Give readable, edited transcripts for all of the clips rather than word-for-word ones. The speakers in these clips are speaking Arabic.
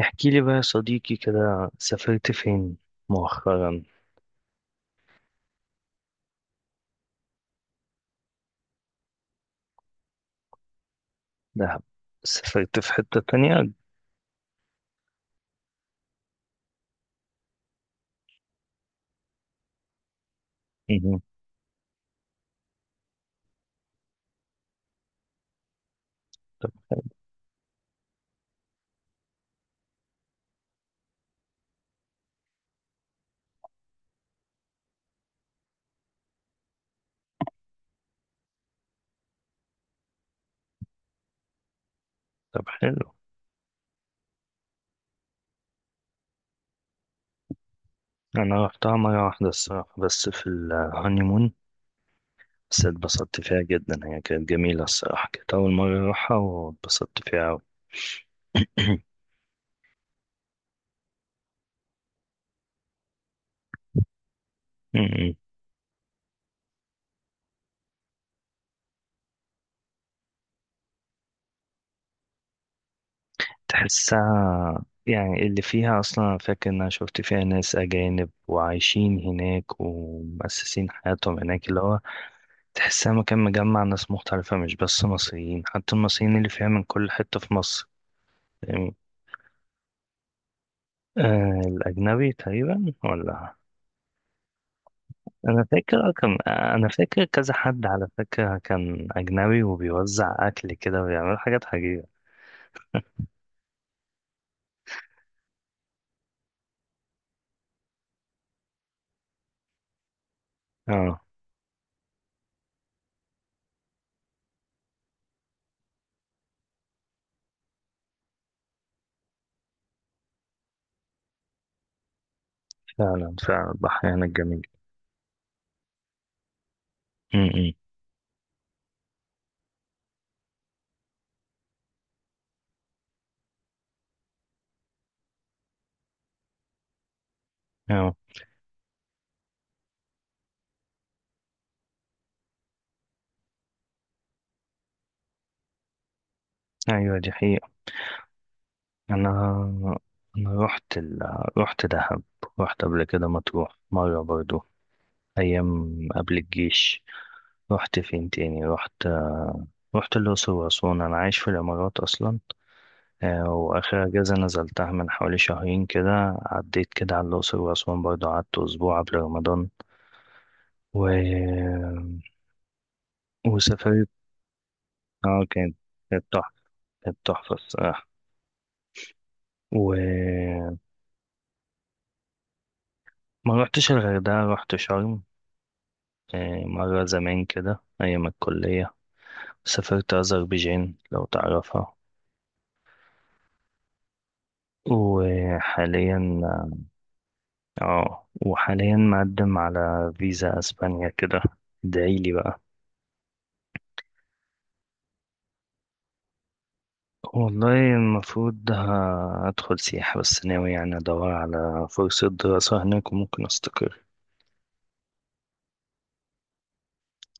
احكي لي بقى يا صديقي كده، سافرت فين مؤخرا؟ دهب. سافرت في حتة تانية؟ مهم. طب. طب حلو. أنا رحتها مرة واحدة الصراحة، بس في الهانيمون. بس اتبسطت فيها جدا، هي كانت جميلة الصراحة، كانت أول مرة أروحها واتبسطت فيها أوي. مم. تحسها يعني اللي فيها أصلا، أنا فاكر إن أنا شفت فيها ناس أجانب وعايشين هناك ومؤسسين حياتهم هناك، اللي هو تحسها مكان مجمع ناس مختلفة، مش بس مصريين، حتى المصريين اللي فيها من كل حتة في مصر. فاهمني؟ آه، الأجنبي تقريبا ولا؟ أنا فاكر كان أنا فاكر كذا حد على فكرة، كان أجنبي وبيوزع أكل كده ويعمل حاجات عجيبة. اه، فعلا فعلا، البحرين الجميل. م-م. اه، أيوة دي حقيقة. أنا أنا رحت دهب. رحت قبل كده مطروح مرة برضو، أيام قبل الجيش. رحت فين تاني؟ رحت الأقصر وأسوان. أنا عايش في الإمارات أصلا. وآخر أجازة نزلتها من حوالي شهرين كده، عديت كده على الأقصر وأسوان برضه، قعدت أسبوع قبل رمضان. و... آه، وسافرت. اه، كانت تحفة. كانت تحفة الصراحة. وما روحتش الغردقة، روحت شرم. مرة زمان كده أيام الكلية. سافرت أذربيجان لو تعرفها. وحاليا اه وحاليا مقدم على فيزا أسبانيا كده. ادعيلي بقى. والله المفروض هدخل سياحة، بس ناوي يعني أدور على فرصة دراسة هناك وممكن أستقر.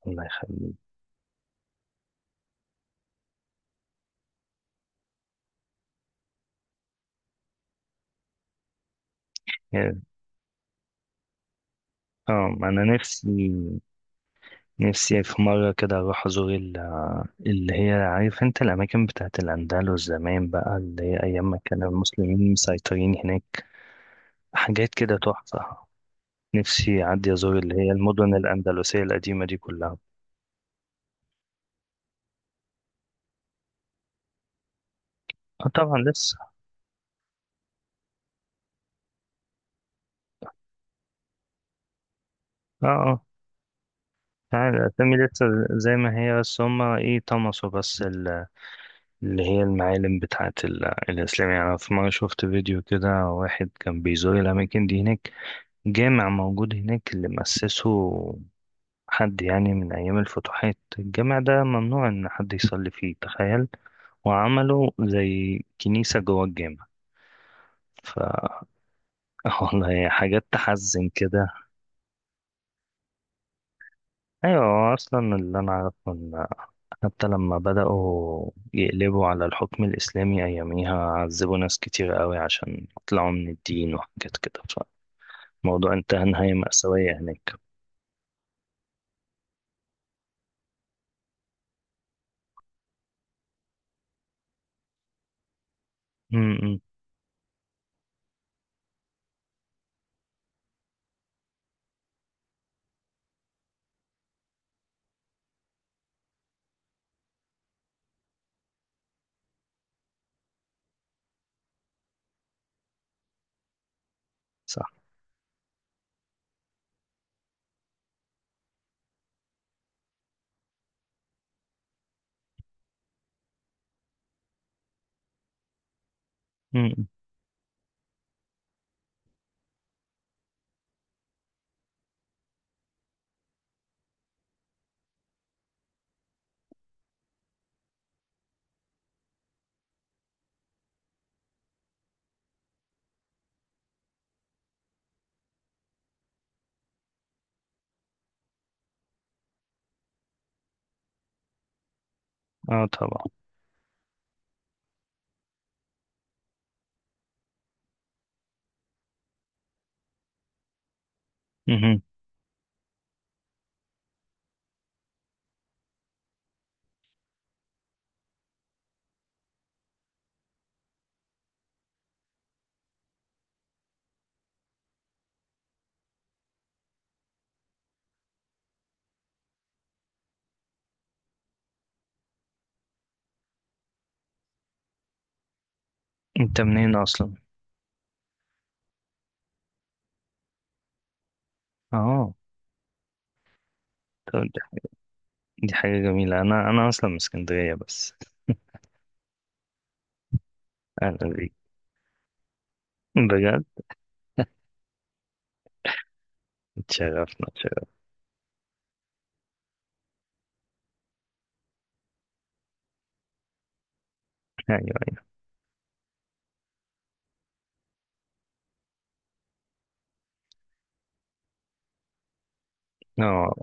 الله يخليك. يعني- اه أنا نفسي. نفسي في مرة كده أروح أزور اللي هي عارف أنت الأماكن بتاعت الأندلس زمان بقى، اللي هي أيام ما كانوا المسلمين مسيطرين هناك. حاجات كده تحفة. نفسي أعدي أزور اللي هي المدن الأندلسية القديمة دي كلها. آه طبعا لسه. اه، آه. يعني الأسامي لسه زي ما هي، بس هما إيه طمسوا بس اللي هي المعالم بتاعة الإسلام. يعني أنا في مرة شفت فيديو كده، واحد كان بيزور الأماكن دي هناك. جامع موجود هناك اللي مؤسسه حد يعني من أيام الفتوحات، الجامع ده ممنوع إن حد يصلي فيه، تخيل. وعملوا زي كنيسة جوه الجامع. ف والله حاجات تحزن كده. أيوة، هو أصلا اللي أنا أعرفه. حتى لما بدأوا يقلبوا على الحكم الإسلامي أياميها، عذبوا ناس كتير قوي عشان يطلعوا من الدين وحاجات كده. فالموضوع انتهى نهاية مأساوية هناك. امم امم، صح. امم امم. اه طبعا. امم انت منين أصلا؟ اه، طب دي حاجة جميلة، أنا أصلا من اسكندرية بس. أنا دي بجد؟ اتشرفنا اتشرفنا. أيوة أيوة. اه،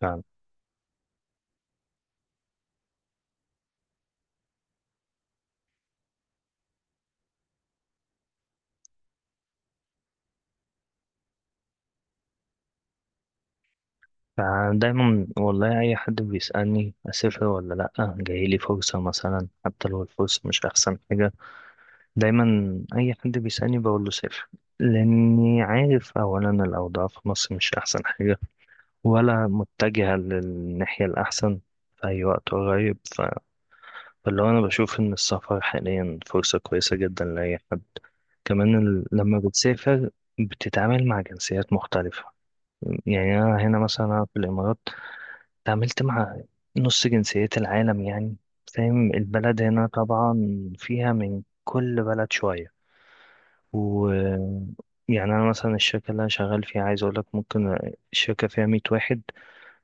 فعلا. فدايما، والله، أي حد بيسألني أسافر ولا لأ، جايلي فرصة مثلا، حتى لو الفرصة مش أحسن حاجة، دايما أي حد بيسألني بقول له سافر. لأني عارف أولا الأوضاع في مصر مش أحسن حاجة، ولا متجهة للناحية الأحسن في أي وقت قريب. فاللي هو أنا بشوف إن السفر حاليا فرصة كويسة جدا لأي حد. كمان لما بتسافر، بتتعامل مع جنسيات مختلفة. يعني أنا هنا مثلا، أنا في الإمارات تعاملت مع نص جنسيات العالم يعني. فاهم البلد هنا طبعا فيها من كل بلد شوية. و يعني أنا مثلا الشركة اللي أنا شغال فيها، عايز أقولك ممكن الشركة فيها 100 واحد،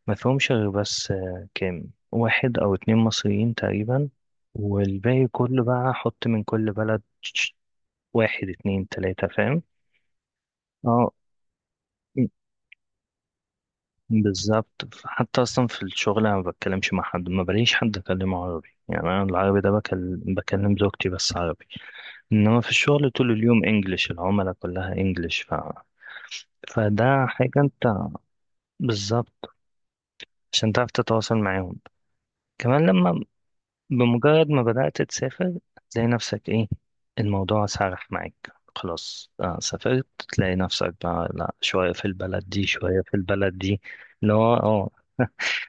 ما فيهمش غير بس كام واحد أو اتنين مصريين تقريبا. والباقي كله بقى حط من كل بلد، واحد اتنين تلاتة، فاهم. اه بالظبط. حتى اصلا في الشغل انا ما بتكلمش مع حد، ما بلاقيش حد اكلمه عربي. يعني انا العربي ده بكلم زوجتي بس عربي. انما في الشغل طول اليوم انجليش، العملاء كلها انجليش. فده حاجة انت. بالظبط، عشان تعرف تتواصل معاهم. كمان بمجرد ما بدأت تسافر، تلاقي نفسك ايه، الموضوع سرح معاك خلاص، سافرت. تلاقي نفسك بقى لا، شوية في البلد دي شوية في البلد دي. اللي هو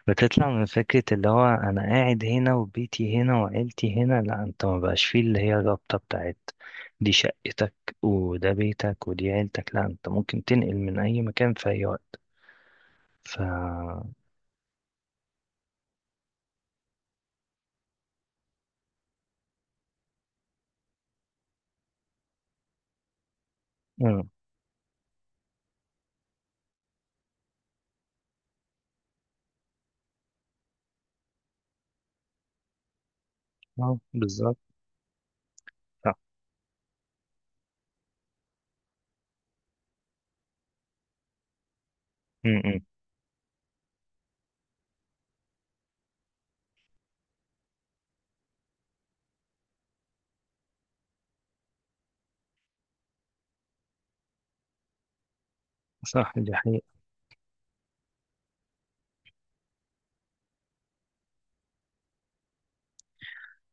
بتطلع من فكرة اللي هو أنا قاعد هنا وبيتي هنا وعيلتي هنا. لا أنت ما بقاش فيه اللي هي الرابطة بتاعت دي شقتك وده بيتك ودي عيلتك، لا أنت ممكن تنقل من أي مكان في أي وقت. ف مم. اه بالظبط. صح. مم. صح دي حقيقة.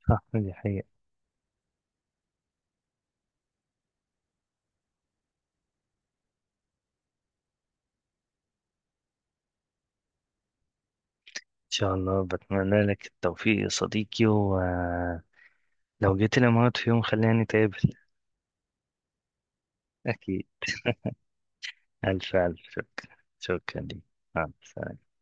صح دي حقيقة. إن شاء الله، بتمنى لك التوفيق يا صديقي، ولو جيت الإمارات في يوم خلينا نتقابل. أكيد. ألف ألف شكرا شكرا ليك. مع السلامة.